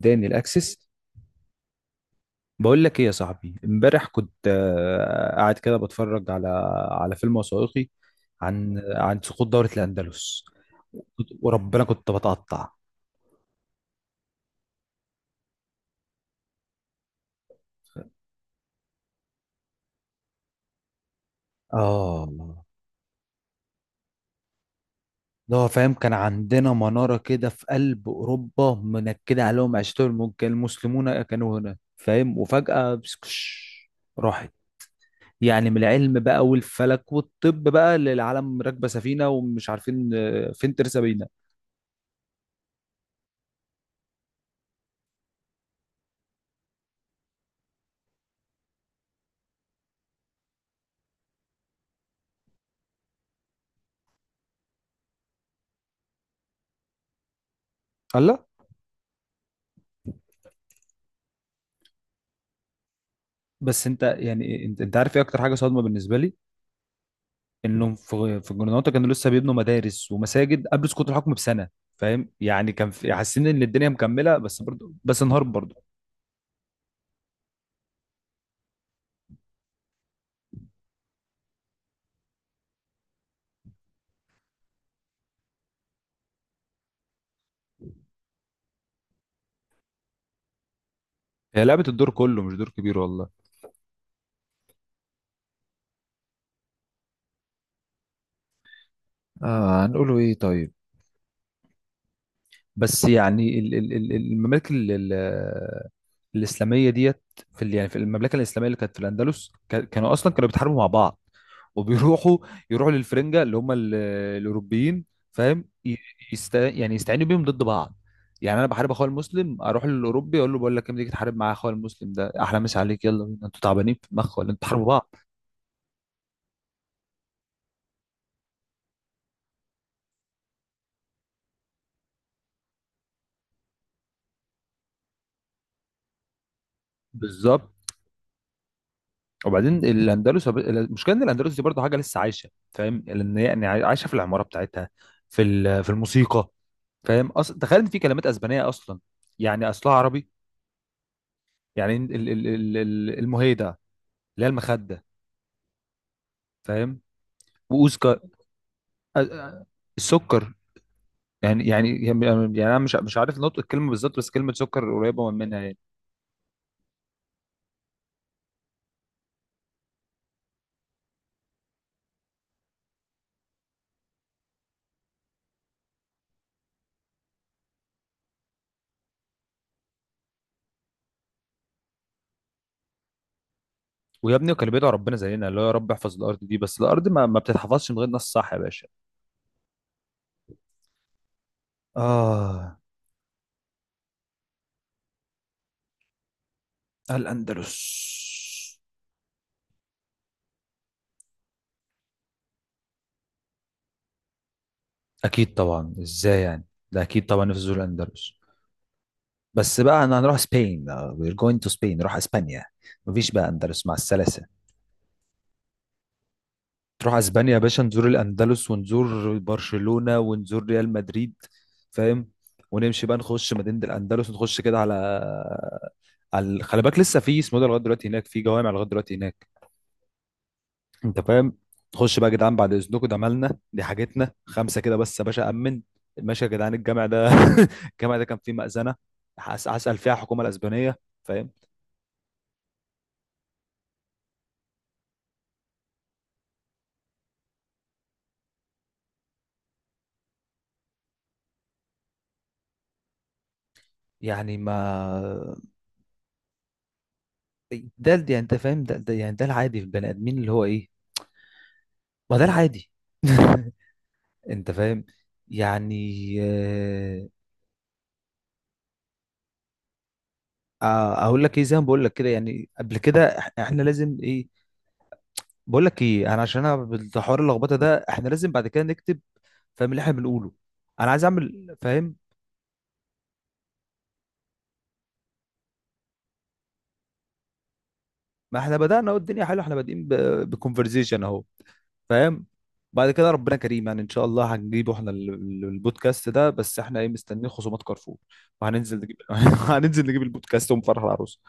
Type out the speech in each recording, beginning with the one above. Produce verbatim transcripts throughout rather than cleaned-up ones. اداني الاكسس. بقول لك ايه يا صاحبي، امبارح كنت آه، قاعد كده بتفرج على على فيلم وثائقي عن عن سقوط دولة الاندلس. كنت- وربنا كنت بتقطع. اه، ده هو فاهم، كان عندنا منارة كده في قلب اوروبا منكدة عليهم عيشتهم، الم- كان المسلمون كانوا هنا فاهم، وفجأة بسكش راحت. يعني من العلم بقى والفلك والطب بقى للعالم راكبة سفينة ومش عارفين آه، فين ترسى بينا. الله. بس انت يعني انت, انت عارف ايه اكتر حاجه صادمه بالنسبه لي؟ انهم في في الجرناطه كانوا لسه بيبنوا مدارس ومساجد قبل سقوط الحكم بسنه، فاهم؟ يعني كان في حاسين ان الدنيا مكمله، بس برضه، بس انهارت برضه. هي لعبه الدور كله، مش دور كبير، والله. آه، هنقوله ايه؟ طيب. بس يعني ال- ال- ال- الممالك ال- ال- الاسلاميه ديت. في ال- يعني في المملكه الاسلاميه اللي كانت في الاندلس، كا- كانوا اصلا كانوا بيتحاربوا مع بعض، وبيروحوا يروحوا للفرنجه، اللي هم ال- الاوروبيين، فاهم؟ ي- يست... يعني يستعينوا بيهم ضد بعض. يعني انا بحارب اخويا المسلم، اروح للاوروبي اقول له بقول لك إيه، ما تيجي تحارب مع اخويا المسلم، ده احلى. مسا عليك، يلا بينا، انتوا تعبانين في المخ ولا انتوا بتحاربوا بعض؟ بالظبط. وبعدين الاندلس، المشكله ان الاندلس دي برضه حاجه لسه عايشه، فاهم؟ لان هي يعني عايشه في العماره بتاعتها، في ال- في الموسيقى، فاهم؟ أص... تخيل ان في كلمات اسبانيه اصلا يعني اصلها عربي. يعني ال... ال... ال... ال- المهيده، اللي هي المخده، فاهم؟ واوزكا. أ- أ- السكر. يعني يعني يعني يعني انا مش مش عارف نطق الكلمه بالظبط، بس كلمه سكر قريبه من منها، يعني. ويا ابني، وكان بيدعو ربنا زينا، اللي هو يا رب احفظ الارض دي، بس الارض ما, ما بتتحفظش من غير ناس، صح يا باشا؟ اه، الاندلس. اكيد طبعا، ازاي يعني؟ ده اكيد طبعا نفس زول اندلس. بس بقى، انا هنروح سبين. وير جوينج تو سبين. نروح اسبانيا. مفيش بقى اندلس، مع السلاسه. تروح اسبانيا يا باشا، نزور الاندلس ونزور برشلونه ونزور ريال مدريد، فاهم؟ ونمشي بقى نخش مدينه الاندلس، ونخش كده على على خلي بالك لسه في اسمه ده لغايه دلوقتي هناك، في جوامع لغايه دلوقتي هناك، انت فاهم؟ خش بقى يا جدعان، بعد اذنكم، ده مالنا، دي حاجتنا، خمسه كده بس يا باشا، امن. ماشي يا جدعان، الجامع ده، الجامع ده كان فيه مأذنه. هس- هسأل فيها الحكومه الاسبانيه، فاهم؟ يعني ما ده ده يعني انت فاهم، ده, ده يعني ده العادي في البني ادمين، اللي هو ايه؟ ما ده العادي. انت فاهم؟ يعني آه، آه، اقول لك ايه، زي ما بقول لك كده يعني قبل كده، إح- احنا لازم ايه؟ بقول لك ايه، انا عشان انا بالحوار اللخبطه ده، احنا لازم بعد كده نكتب، فاهم اللي احنا بنقوله؟ انا عايز اعمل فاهم. ما احنا بدأنا اهو، الدنيا حلوه، احنا بادئين بكونفرزيشن اهو، فاهم؟ بعد كده ربنا كريم، يعني ان شاء الله هنجيبه احنا ال- ال- البودكاست ده. بس احنا ايه؟ مستنيين خصومات كارفور وهننزل نجيب. هننزل نجيب البودكاست ونفرح العروس.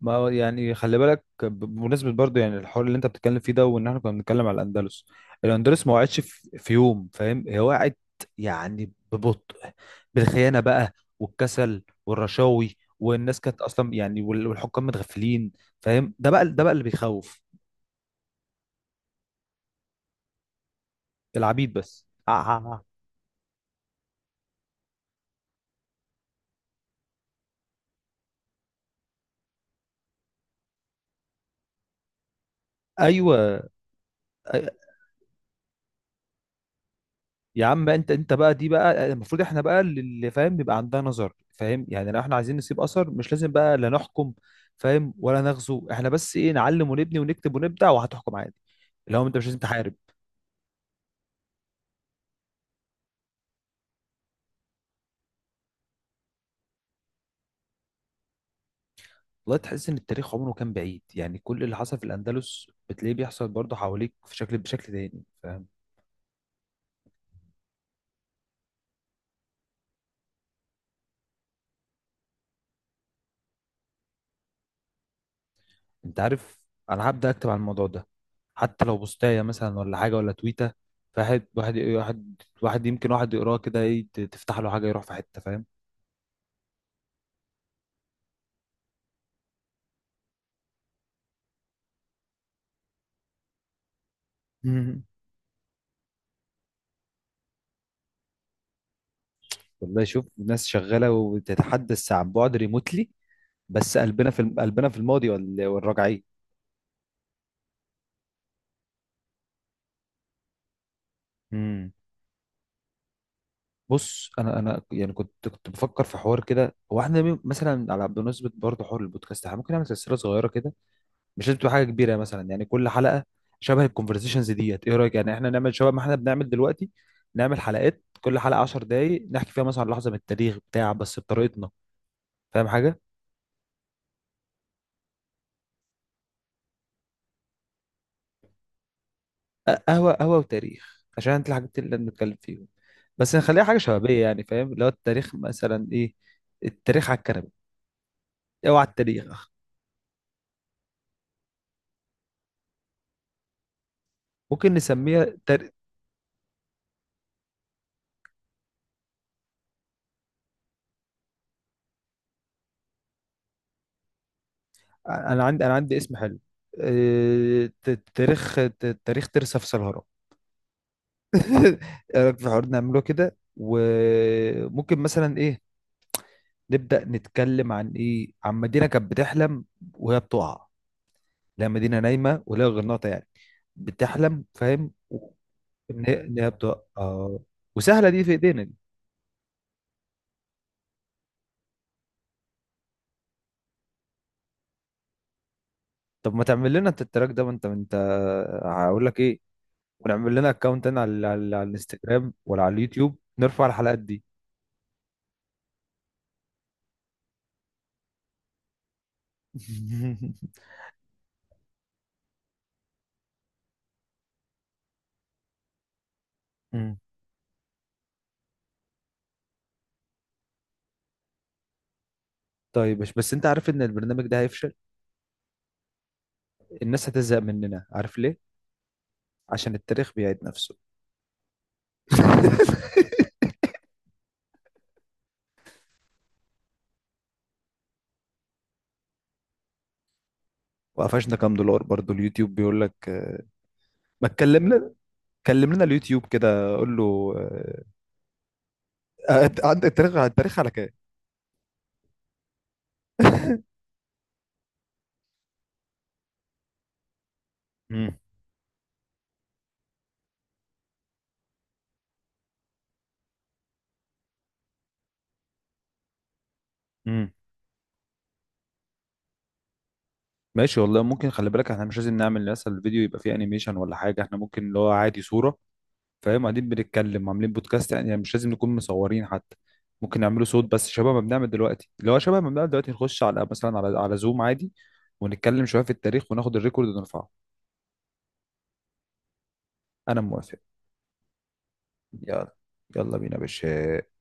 ما هو يعني خلي بالك ب- بمناسبة برضه يعني الحوار اللي انت بتتكلم فيه ده، وان احنا كنا بنتكلم على الاندلس. الاندلس ما وقعتش في في يوم، فاهم؟ هي وقعت يعني ببطء، بالخيانة بقى، والكسل والرشاوي، والناس كانت اصلا يعني، وال- والحكام متغفلين، فاهم؟ ده بقى ده بقى اللي بيخوف. العبيد بس، آه. ايوه يا عم بقى. انت انت بقى دي بقى المفروض احنا بقى اللي فاهم يبقى عندها نظر، فاهم يعني؟ لو احنا عايزين نسيب اثر، مش لازم بقى لا نحكم، فاهم، ولا نغزو احنا، بس ايه؟ نعلم ونبني ونكتب ونبدع وهتحكم عادي. اللي هو انت مش لازم تحارب. والله تحس ان التاريخ عمره كان بعيد، يعني كل اللي حصل في الاندلس بتلاقيه بيحصل برضه حواليك في شكل، بشكل تاني، فاهم؟ انت عارف، انا هبدا اكتب عن الموضوع ده، حتى لو بوستايه مثلا ولا حاجه ولا تويته، فواحد واحد واحد واحد يمكن واحد يقراه كده ايه، تفتح له حاجه يروح في حته، فاهم؟ والله شوف، ناس شغالة وتتحدث عن بعد، ريموتلي، بس قلبنا، في قلبنا في الماضي وال- والراجعين. امم. بص، انا انا يعني كنت كنت بفكر في حوار كده، هو احنا مي- مثلا على بمناسبه برضه حوار البودكاست، احنا ممكن نعمل سلسله صغيره كده، مش لازم تبقى حاجه كبيره يعني، مثلا يعني كل حلقه شبه الكونفرسيشنز ديت، ايه رايك يعني؟ احنا نعمل شبه ما احنا بنعمل دلوقتي، نعمل حلقات، كل حلقه 10 دقائق، نحكي فيها مثلا عن لحظه من التاريخ بتاع بس بطريقتنا، فاهم؟ حاجه. قهوة قهوة وتاريخ، عشان انت الحاجات اللي بنتكلم فيهم، بس نخليها حاجة شبابية يعني، فاهم؟ اللي هو التاريخ مثلا ايه؟ التاريخ على الكنبة. اوعى التاريخ. ممكن نسميها تار... انا عندي انا عندي اسم حلو، آه، ت- تاريخ ت- تاريخ ترسة في سلهرة. ايه رأيك في الحوار، نعمله كده؟ وممكن مثلا ايه؟ نبدأ نتكلم عن ايه؟ عن مدينة كانت بتحلم وهي بتقع، لا مدينة نايمة ولا غرناطة يعني، بتحلم، فاهم؟ ان هي إن هي بتوقع، اه. وسهله دي في ايدينا دي. طب ما تعمل لنا انت التراك ده، ما انت ما انت هقول لك ايه، ونعمل لنا اكونت انا على على, على الانستجرام ولا على اليوتيوب، نرفع الحلقات دي. مم. طيب، مش بس انت عارف ان البرنامج ده هيفشل؟ الناس هتزهق مننا، عارف ليه؟ عشان التاريخ بيعيد نفسه. وقفشنا كام دولار برضو اليوتيوب بيقول لك، آه، ما تكلم لنا، كلم لنا اليوتيوب كده، قول له آه، آه، عندك التاريخ؟ التاريخ على كام؟ مم. مم. ماشي والله، ممكن خلي بالك احنا مش لازم نعمل مثلا الفيديو يبقى فيه انيميشن ولا حاجه، احنا ممكن اللي هو عادي صوره، فاهم؟ قاعدين بنتكلم عاملين بودكاست يعني، مش لازم نكون مصورين حتى. ممكن نعمله صوت بس شبه ما بنعمل دلوقتي، اللي هو شبه ما بنعمل دلوقتي، نخش على مثلا على على زوم عادي، ونتكلم شويه في التاريخ وناخد الريكورد ونرفعه. انا موافق. يلا، يلا بينا يا باشا.